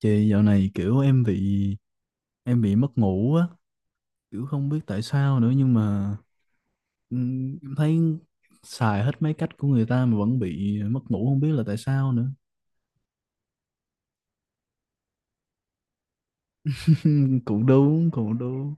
Chị dạo này kiểu em bị mất ngủ á, kiểu không biết tại sao nữa nhưng mà em thấy xài hết mấy cách của người ta mà vẫn bị mất ngủ không biết là tại sao nữa. Cũng đúng, cũng đúng.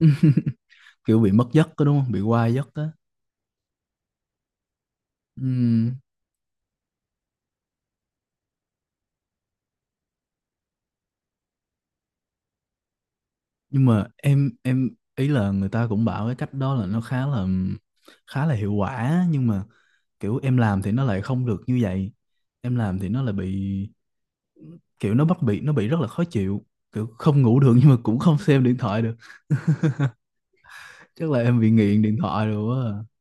Kiểu bị mất giấc đó đúng không? Bị qua giấc á. Ừm, nhưng mà em ý là người ta cũng bảo cái cách đó là nó khá là hiệu quả nhưng mà kiểu em làm thì nó lại không được như vậy. Em làm thì nó lại bị, kiểu nó bắt nó bị rất là khó chịu, kiểu không ngủ được nhưng mà cũng không xem điện thoại được. Chắc là em bị nghiện điện thoại rồi quá à.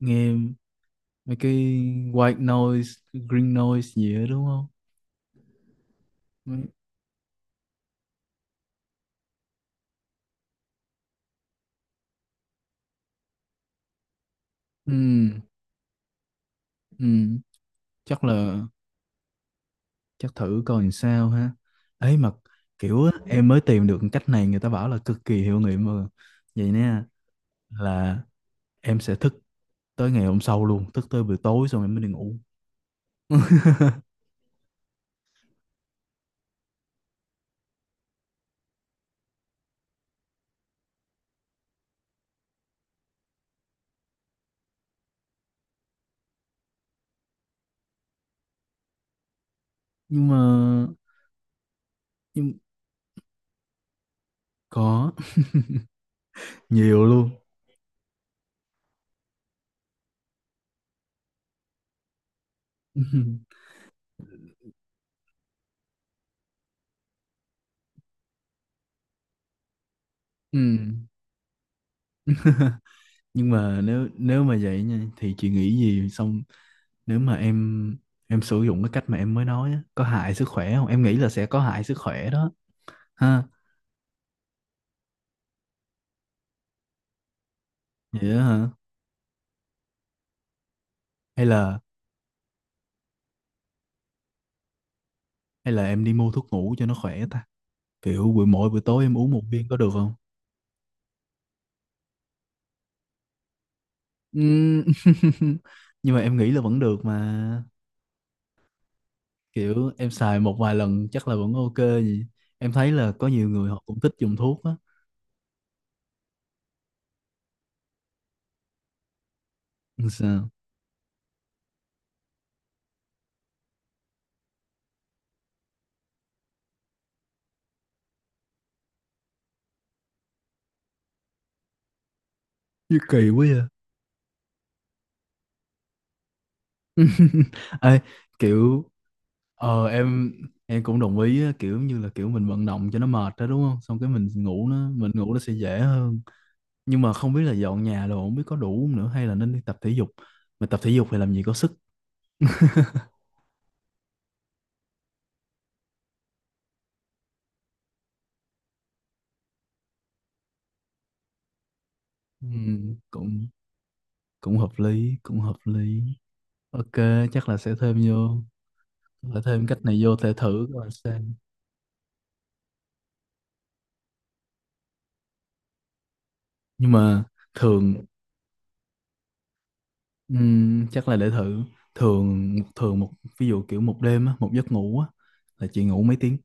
Nghe mấy cái white noise green noise gì đó đúng không? Mấy- ừm, chắc là chắc thử coi làm sao ha. Ấy mà kiểu á, em mới tìm được cách này người ta bảo là cực kỳ hiệu nghiệm mà. Vậy nè, là em sẽ thức tới ngày hôm sau luôn, thức tới buổi tối xong em mới đi ngủ. Nhưng mà nhưng có nhiều luôn. Ừ, nhưng mà nếu nếu mà vậy nha thì chị nghĩ gì xong, nếu mà em sử dụng cái cách mà em mới nói á, có hại sức khỏe không? Em nghĩ là sẽ có hại sức khỏe đó ha. Vậy đó, hả? Hay là hay là em đi mua thuốc ngủ cho nó khỏe ta. Kiểu mỗi buổi tối em uống một viên có được không? Ừm, nhưng mà em nghĩ là vẫn được mà, kiểu em xài một vài lần chắc là vẫn ok. Gì? Em thấy là có nhiều người họ cũng thích dùng thuốc á. Ừ, sao? Gì kỳ quá vậy. Ê, kiểu, ờ em em cũng đồng ý á, kiểu như là kiểu mình vận động cho nó mệt đó đúng không, xong cái mình ngủ nó sẽ dễ hơn. Nhưng mà không biết là dọn nhà đồ không biết có đủ không nữa, hay là nên đi tập thể dục, mà tập thể dục thì làm gì có sức. Ừ. Ừ, cũng cũng hợp lý, cũng hợp lý. Ok, chắc là sẽ thêm cách này vô thể thử coi sao. Nhưng mà thường, chắc là để thử. Thường thường một, ví dụ kiểu một đêm á, một giấc ngủ á, là chị ngủ mấy tiếng?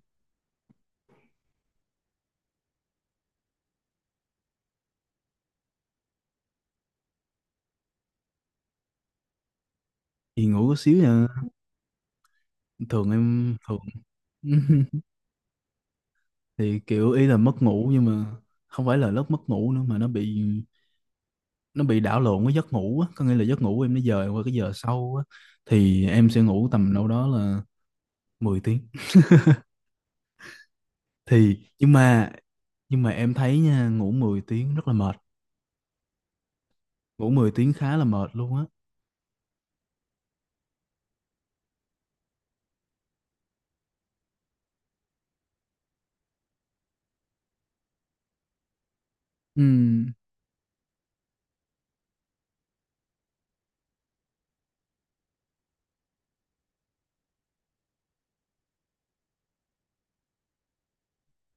Chị ngủ có xíu nha? Thường em thường. Thì kiểu ý là mất ngủ nhưng mà không phải là lớp mất ngủ nữa, mà nó bị đảo lộn với giấc ngủ á, có nghĩa là giấc ngủ em nó dời qua cái giờ sau á. Thì em sẽ ngủ tầm đâu đó là 10 tiếng. Thì nhưng mà em thấy nha, ngủ 10 tiếng rất là mệt, ngủ 10 tiếng khá là mệt luôn á. Ừm,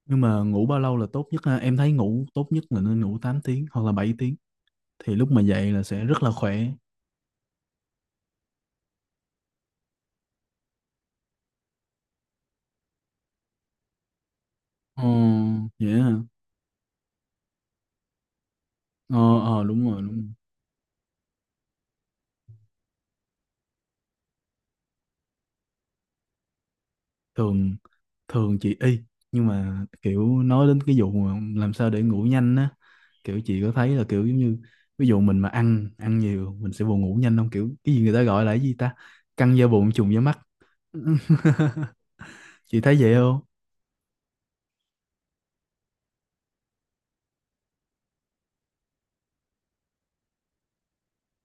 nhưng mà ngủ bao lâu là tốt nhất ha? Em thấy ngủ tốt nhất là nên ngủ 8 tiếng hoặc là 7 tiếng, thì lúc mà dậy là sẽ rất là khỏe. Ồ, vậy hả? Ờ, ờ, đúng rồi, đúng rồi. Thường thường chị y, nhưng mà kiểu nói đến cái vụ mà làm sao để ngủ nhanh á, kiểu chị có thấy là kiểu giống như ví dụ mình mà ăn ăn nhiều mình sẽ buồn ngủ nhanh không, kiểu cái gì người ta gọi là cái gì ta, căng da bụng trùng da mắt. Chị thấy vậy không?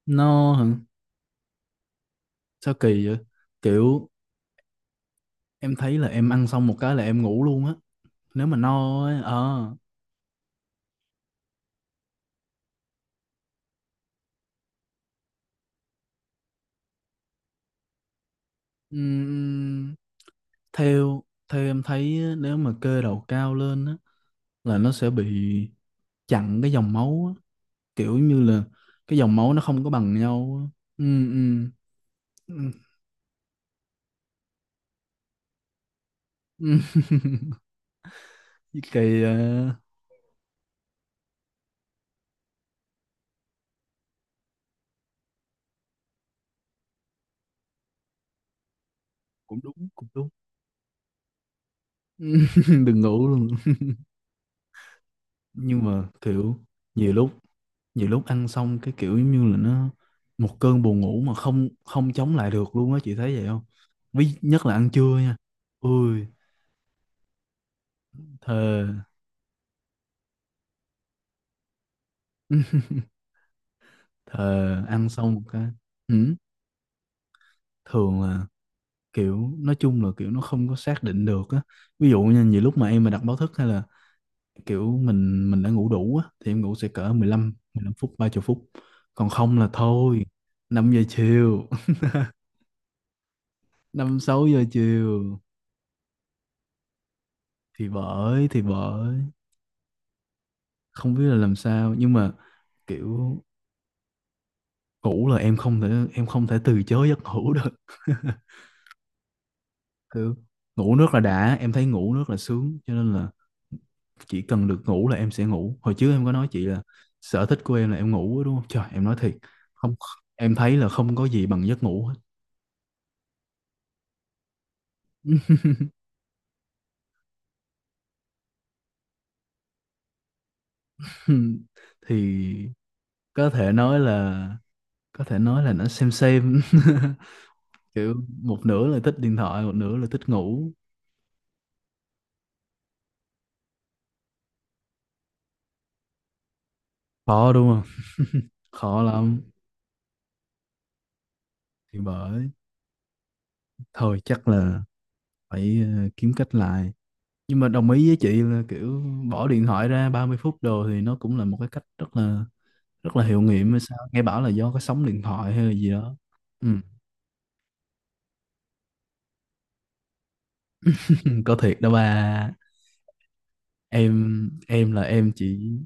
Nó hả? Sao kỳ vậy. Kiểu em thấy là em ăn xong một cái là em ngủ luôn á, nếu mà no á. Ờ Ừm, theo theo em thấy á, nếu mà cơ đầu cao lên á là nó sẽ bị chặn cái dòng máu á, kiểu như là cái dòng máu nó không có bằng nhau á. Ừ, ừ, ừ, ừ. Với kỳ à, cũng đúng, cũng đúng. Ừ, đừng ngủ luôn. Nhưng mà kiểu nhiều lúc nhiều lúc ăn xong cái kiểu giống như là nó một cơn buồn ngủ mà không không chống lại được luôn á, chị thấy vậy không? Ví nhất là ăn trưa nha. Ui, thề, thề, ăn xong một cái, ừ, thường là, kiểu nói chung là kiểu nó không có xác định được á, ví dụ như nhiều lúc mà em mà đặt báo thức, hay là kiểu mình đã ngủ đủ á, thì em ngủ sẽ cỡ 15 15 phút 30 phút, còn không là thôi 5 giờ chiều. Năm 6 giờ chiều, thì bởi không biết là làm sao, nhưng mà kiểu ngủ là em không thể từ chối giấc ngủ được. Kiểu ngủ nước là đã, em thấy ngủ nước là sướng, cho nên là chỉ cần được ngủ là em sẽ ngủ. Hồi trước em có nói chị là sở thích của em là em ngủ á, đúng không trời, em nói thiệt. Không, em thấy là không có gì bằng giấc ngủ hết. Thì có thể nói là có thể nói là nó xem xem. Kiểu một nửa là thích điện thoại, một nửa là thích ngủ. Khó đúng không? Khó lắm. Thì bởi, thôi chắc là phải, kiếm cách lại. Nhưng mà đồng ý với chị là kiểu bỏ điện thoại ra 30 phút đồ thì nó cũng là một cái cách rất là hiệu nghiệm hay sao, nghe bảo là do cái sóng điện thoại hay là gì đó. Ừ. Có thiệt đó ba. Em là em chỉ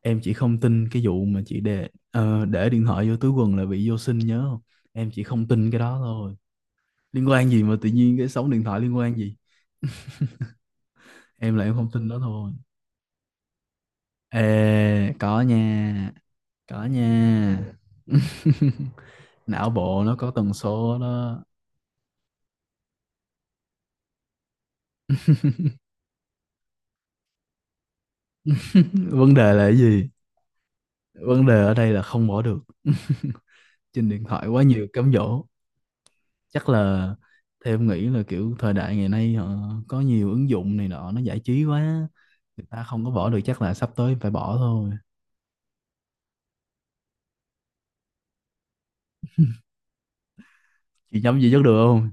em chỉ không tin cái vụ mà chị để, để điện thoại vô túi quần là bị vô sinh nhớ không. Em chỉ không tin cái đó thôi. Liên quan gì mà tự nhiên cái sóng điện thoại liên quan gì? Em là em không tin đó thôi. Ê, có nha, có nha. Não bộ nó có tần số đó. Vấn đề là cái gì? Vấn đề ở đây là không bỏ được. Trên điện thoại quá nhiều cám dỗ, chắc là theo em nghĩ là kiểu thời đại ngày nay họ có nhiều ứng dụng này nọ nó giải trí quá, người ta không có bỏ được, chắc là sắp tới phải bỏ thôi. Chị nhắm gì chắc được không?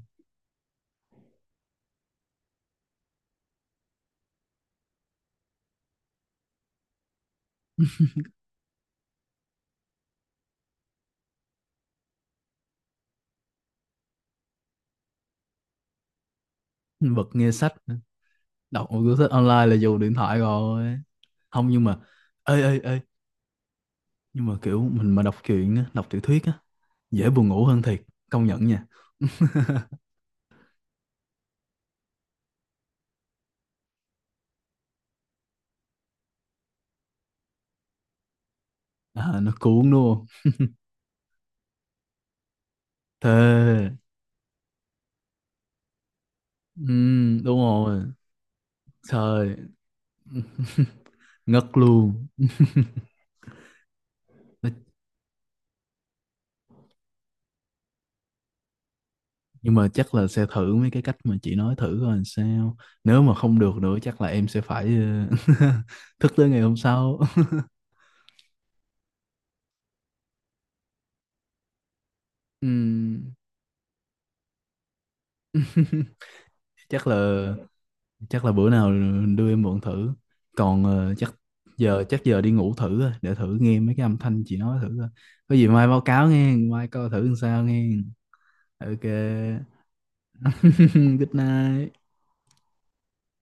Bật nghe sách? Đọc một cuốn sách online là dùng điện thoại rồi. Không, nhưng mà, ê ê ê, nhưng mà kiểu mình mà đọc truyện á, đọc tiểu thuyết á, dễ buồn ngủ hơn thiệt, công nhận nha. À, nó cuốn đúng không? Thề. Ừ, đúng rồi. Trời. Ngất luôn. Nói. Nhưng mà chắc là sẽ thử mấy cái cách mà chị nói thử coi làm sao, nếu mà không được nữa chắc là em sẽ phải, thức tới ngày hôm sau. Ừm, chắc là chắc là bữa nào đưa em mượn thử, còn chắc giờ đi ngủ thử thôi, để thử nghe mấy cái âm thanh chị nói thử coi, có gì mai báo cáo nghe, mai coi thử làm sao nghe. Ok. Good night.